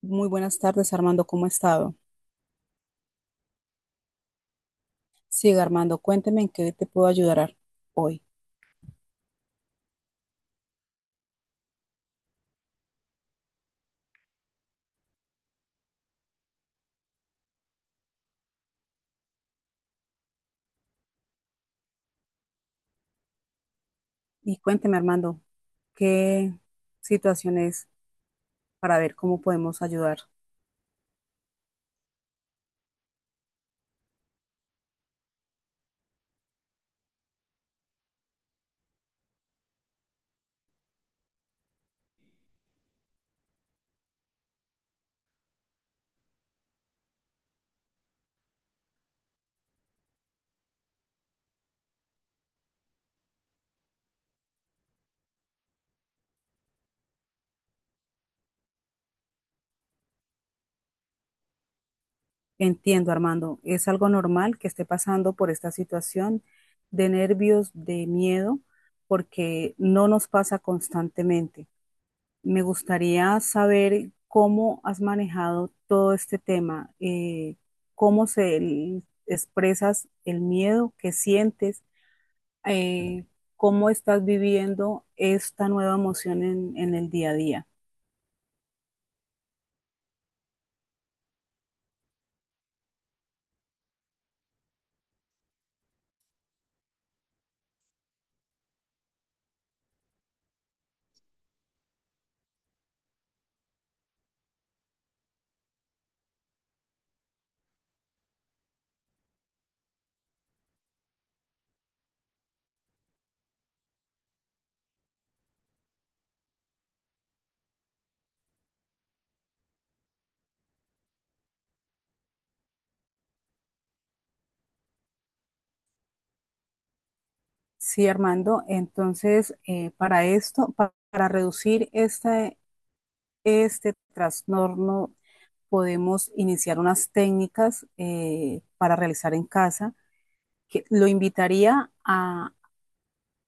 Muy buenas tardes, Armando. ¿Cómo ha estado? Siga, Armando. Cuénteme en qué te puedo ayudar hoy. Y cuénteme, Armando, qué situación es para ver cómo podemos ayudar. Entiendo, Armando. Es algo normal que esté pasando por esta situación de nervios, de miedo, porque no nos pasa constantemente. Me gustaría saber cómo has manejado todo este tema, cómo se expresas el miedo que sientes eh, cómo estás viviendo esta nueva emoción en el día a día. Sí, Armando, entonces para esto, para reducir este trastorno, podemos iniciar unas técnicas para realizar en casa que lo invitaría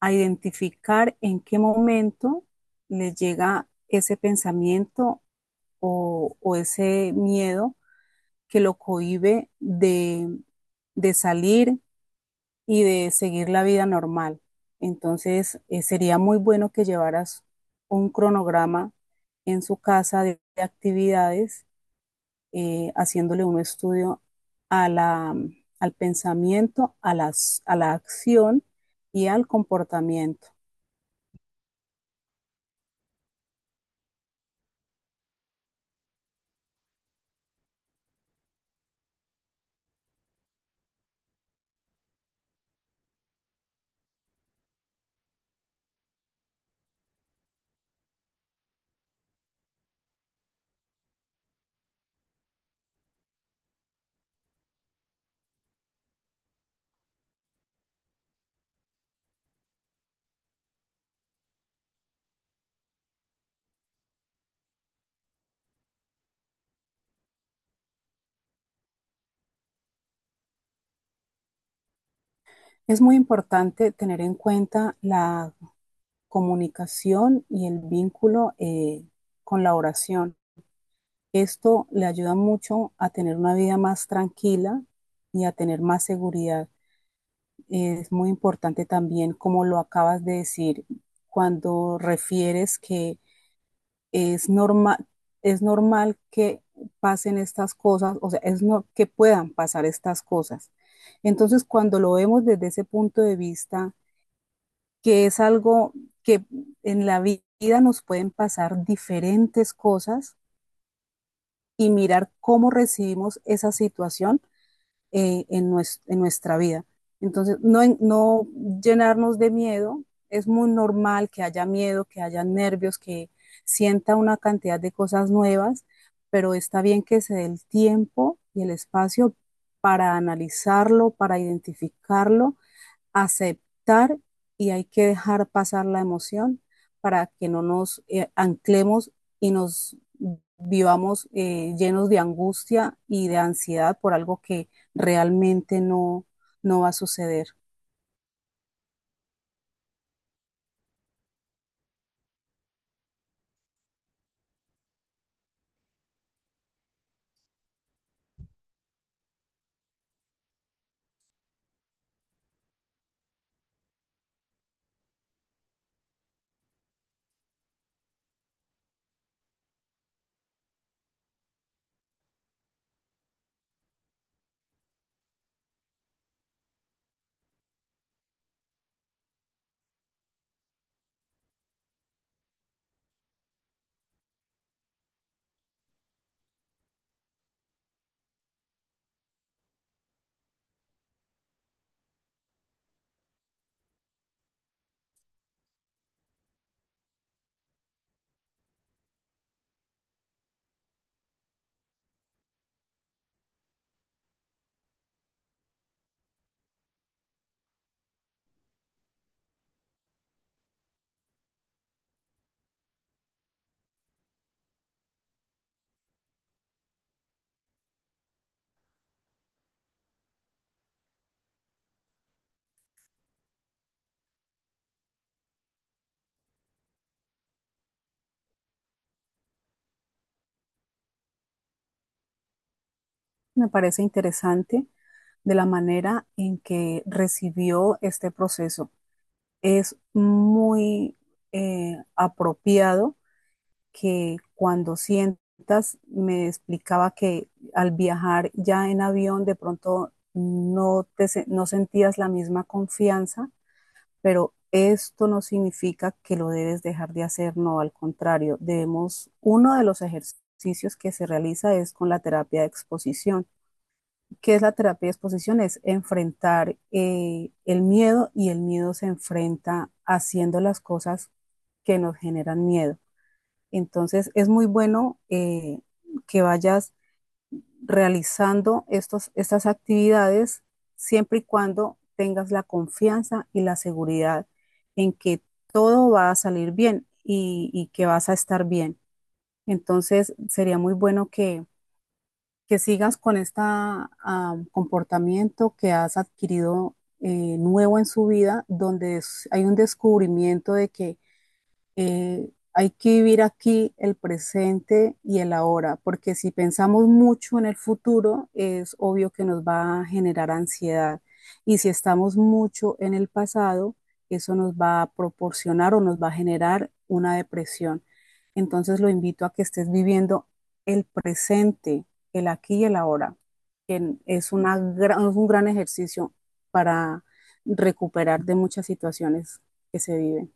a identificar en qué momento les llega ese pensamiento o ese miedo que lo cohíbe de salir y de seguir la vida normal. Entonces, sería muy bueno que llevaras un cronograma en su casa de actividades, haciéndole un estudio a al pensamiento, a la acción y al comportamiento. Es muy importante tener en cuenta la comunicación y el vínculo con la oración. Esto le ayuda mucho a tener una vida más tranquila y a tener más seguridad. Es muy importante también, como lo acabas de decir, cuando refieres que es normal, es normal que pasen estas cosas, o sea, es no, que puedan pasar estas cosas. Entonces, cuando lo vemos desde ese punto de vista, que es algo que en la vida nos pueden pasar diferentes cosas y mirar cómo recibimos esa situación en nuestra vida. Entonces, no llenarnos de miedo, es muy normal que haya miedo, que haya nervios, que sienta una cantidad de cosas nuevas, pero está bien que se dé el tiempo y el espacio para analizarlo, para identificarlo aceptar y hay que dejar pasar la emoción para que no nos anclemos y nos vivamos llenos de angustia y de ansiedad por algo que realmente no va a suceder. Me parece interesante de la manera en que recibió este proceso. Es muy apropiado que cuando sientas, me explicaba que al viajar ya en avión de pronto no sentías la misma confianza, pero esto no significa que lo debes dejar de hacer, no, al contrario, debemos, uno de los ejercicios que se realiza es con la terapia de exposición. ¿Qué es la terapia de exposición? Es enfrentar el miedo y el miedo se enfrenta haciendo las cosas que nos generan miedo. Entonces es muy bueno que vayas realizando estas actividades siempre y cuando tengas la confianza y la seguridad en que todo va a salir bien y que vas a estar bien. Entonces sería muy bueno que sigas con este comportamiento que has adquirido nuevo en su vida, donde hay un descubrimiento de que eh, hay que vivir aquí el presente y el ahora, porque si pensamos mucho en el futuro, es obvio que nos va a generar ansiedad. Y si estamos mucho en el pasado, eso nos va a proporcionar o nos va a generar una depresión. Entonces lo invito a que estés viviendo el presente, el aquí y el ahora, que es una es un gran ejercicio para recuperar de muchas situaciones que se viven.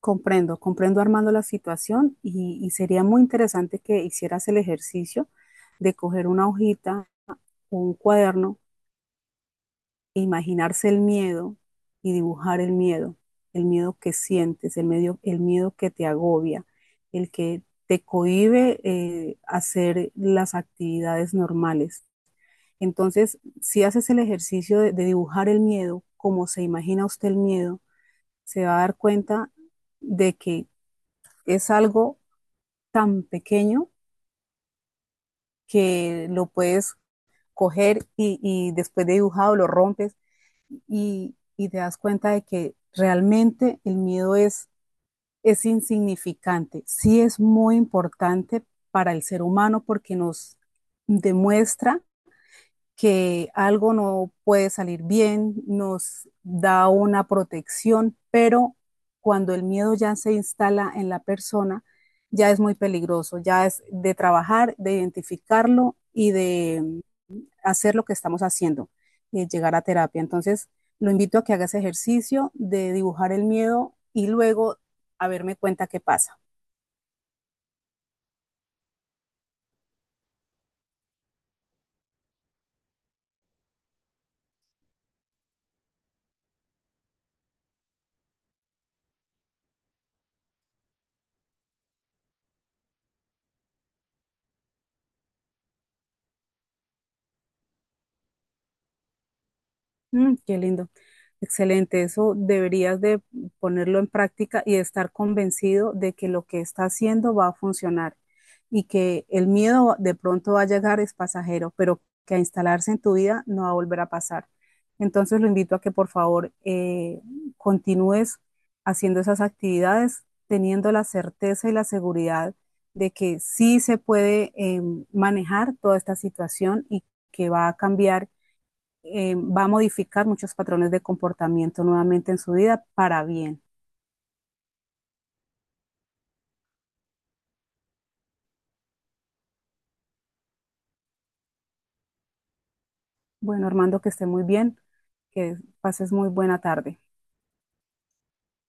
Comprendo, comprendo Armando la situación y sería muy interesante que hicieras el ejercicio de coger una hojita o un cuaderno, e imaginarse el miedo y dibujar el miedo que sientes, el el miedo que te agobia, el que te cohíbe hacer las actividades normales. Entonces, si haces el ejercicio de dibujar el miedo, como se imagina usted el miedo, se va a dar cuenta de que es algo tan pequeño que lo puedes coger y después de dibujado lo rompes te das cuenta de que realmente el miedo es insignificante. Sí es muy importante para el ser humano porque nos demuestra que algo no puede salir bien, nos da una protección, pero cuando el miedo ya se instala en la persona, ya es muy peligroso, ya es de trabajar, de identificarlo y de hacer lo que estamos haciendo, de llegar a terapia. Entonces, lo invito a que haga ese ejercicio de dibujar el miedo y luego a verme cuenta qué pasa. Mm, qué lindo. Excelente. Eso deberías de ponerlo en práctica y estar convencido de que lo que está haciendo va a funcionar y que el miedo de pronto va a llegar es pasajero, pero que a instalarse en tu vida no va a volver a pasar. Entonces lo invito a que por favor continúes haciendo esas actividades, teniendo la certeza y la seguridad de que sí se puede manejar toda esta situación y que va a cambiar va a modificar muchos patrones de comportamiento nuevamente en su vida para bien. Bueno, Armando, que esté muy bien, que pases muy buena tarde.